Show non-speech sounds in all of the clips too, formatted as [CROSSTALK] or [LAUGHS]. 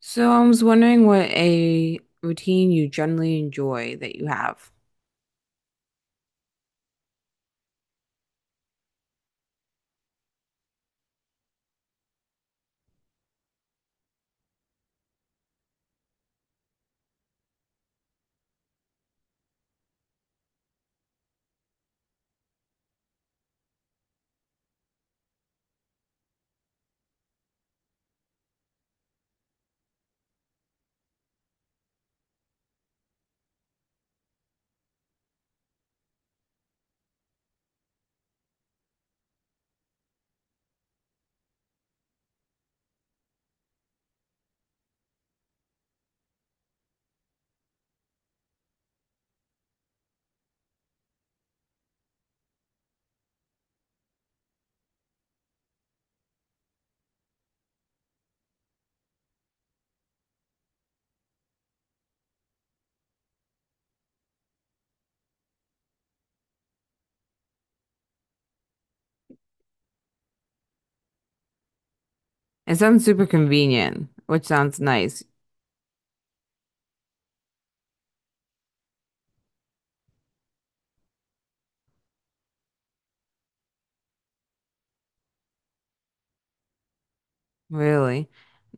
So I was wondering what a routine you generally enjoy that you have. It sounds super convenient, which sounds nice, really.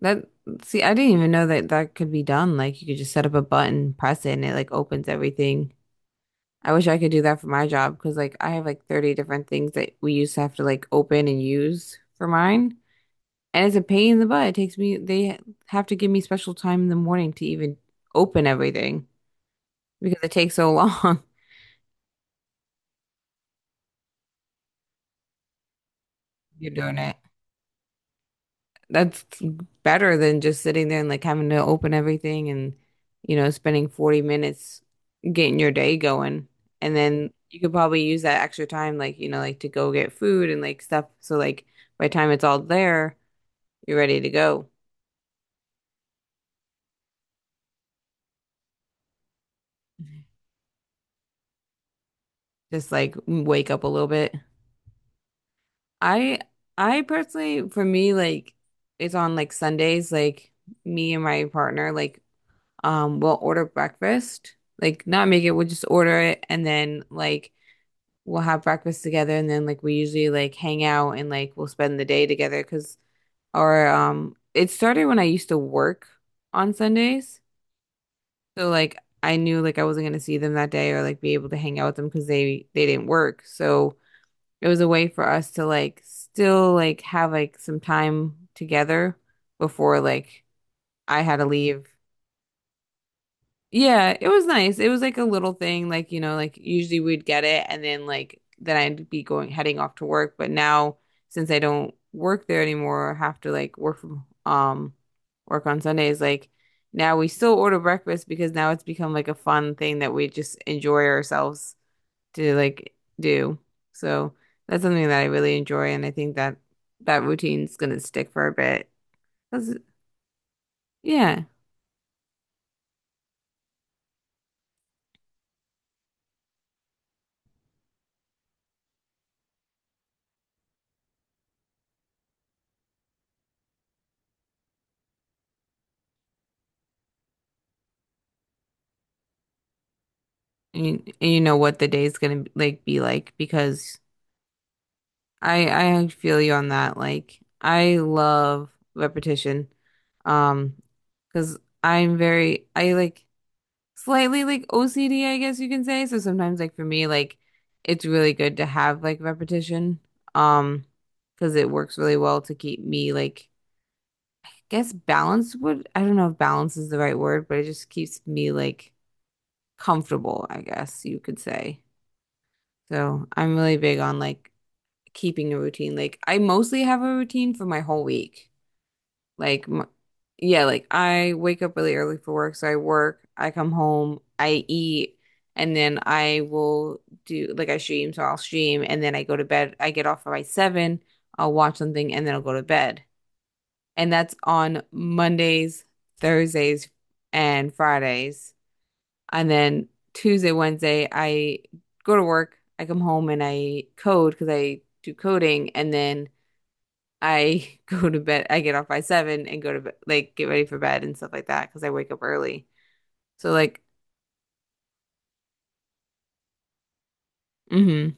That see, I didn't even know that that could be done. Like you could just set up a button, press it, and it like opens everything. I wish I could do that for my job because like I have like 30 different things that we used to have to like open and use for mine. And it's a pain in the butt. It takes me, they have to give me special time in the morning to even open everything because it takes so long. [LAUGHS] You're doing it. That's better than just sitting there and like having to open everything and you know spending 40 minutes getting your day going, and then you could probably use that extra time like you know like to go get food and like stuff, so like by the time it's all there, you're ready to go. Just like wake up a little bit. I I personally for me, like it's on like Sundays, like me and my partner, like we'll order breakfast, like not make it, we'll just order it, and then like we'll have breakfast together, and then like we usually like hang out and like we'll spend the day together because our it started when I used to work on Sundays. So like I knew like I wasn't gonna see them that day or like be able to hang out with them because they didn't work. So it was a way for us to like still like have like some time together before like I had to leave. Yeah, it was nice. It was like a little thing, like, you know, like usually we'd get it and then like then I'd be going heading off to work. But now since I don't work there anymore, I have to like work from work on Sundays, like now we still order breakfast because now it's become like a fun thing that we just enjoy ourselves to like do. So that's something that I really enjoy, and I think that that routine's gonna stick for a bit. 'Cause, yeah. And you know what the day's gonna like be like because I feel you on that. Like I love repetition. Um, because I'm very I like slightly like OCD, I guess you can say. So sometimes like for me, like it's really good to have like repetition. Um, because it works really well to keep me like I guess balance would I don't know if balance is the right word, but it just keeps me like comfortable, I guess you could say. So I'm really big on like keeping a routine. Like I mostly have a routine for my whole week. Like m yeah, like I wake up really early for work, so I work, I come home, I eat, and then I will do like I stream, so I'll stream and then I go to bed. I get off by 7, I'll watch something and then I'll go to bed. And that's on Mondays, Thursdays, and Fridays. And then Tuesday, Wednesday, I go to work, I come home and I code because I do coding, and then I [LAUGHS] go to bed, I get off by seven and go to bed, like get ready for bed and stuff like that because I wake up early. So like, mm-hmm,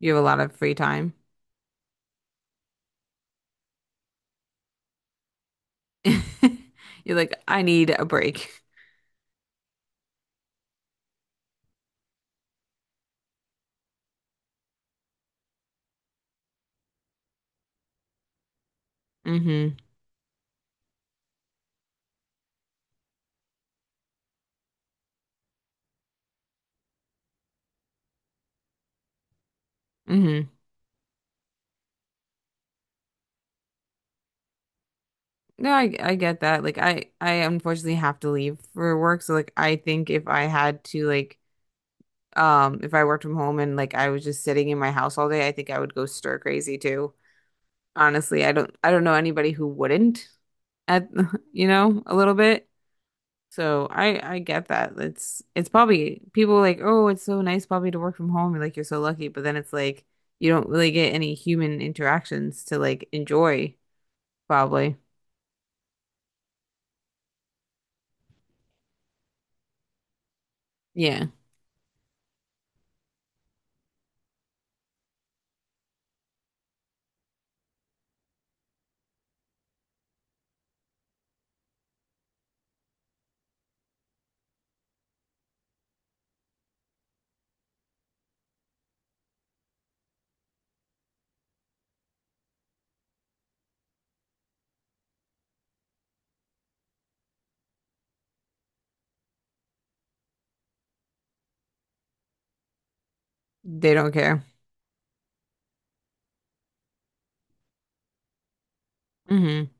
you have a lot of free time. [LAUGHS] You're like, I need a break. Mm-hmm. Mm-hmm. No, I get that. Like I unfortunately have to leave for work. So like I think if I had to like if I worked from home and like I was just sitting in my house all day, I think I would go stir crazy too. Honestly, I don't know anybody who wouldn't at [LAUGHS] you know, a little bit. So I get that. It's probably people are like, "Oh, it's so nice probably to work from home." You're like, "You're so lucky." But then it's like you don't really get any human interactions to like enjoy probably. Yeah. They don't care. Hmm.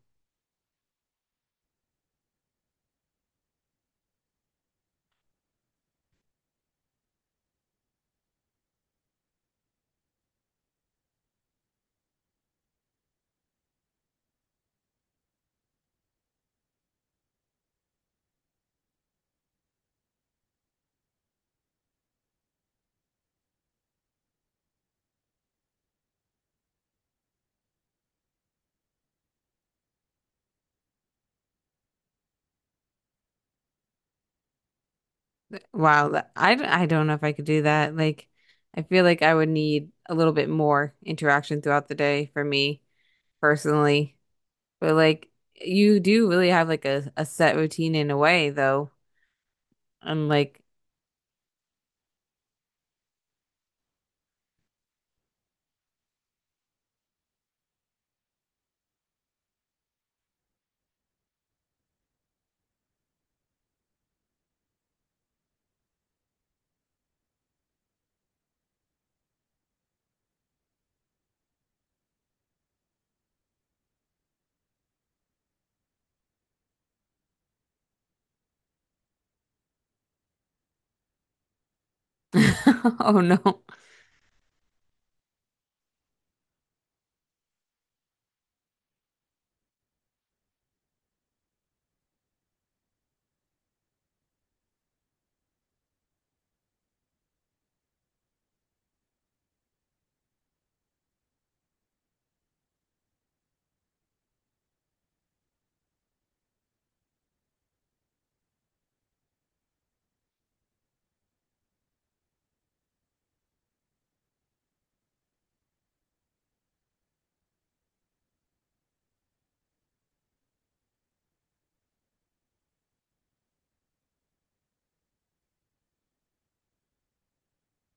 Wow, that- I d- I don't know if I could do that. Like I feel like I would need a little bit more interaction throughout the day for me personally. But like you do really have like a set routine in a way though. I'm like [LAUGHS] oh no.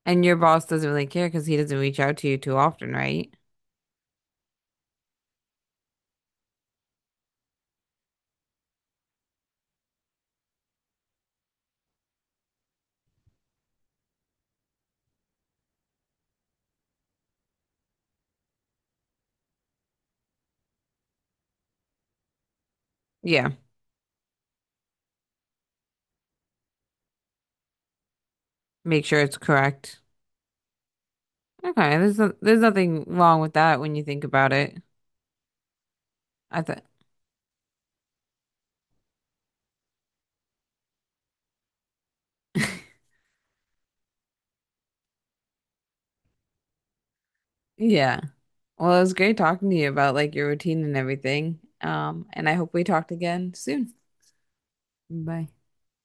And your boss doesn't really care because he doesn't reach out to you too often, right? Yeah, make sure it's correct. Okay, there's no, there's nothing wrong with that when you think about it. I thought, yeah. Well, it was great talking to you about like your routine and everything. And I hope we talked again soon. Bye.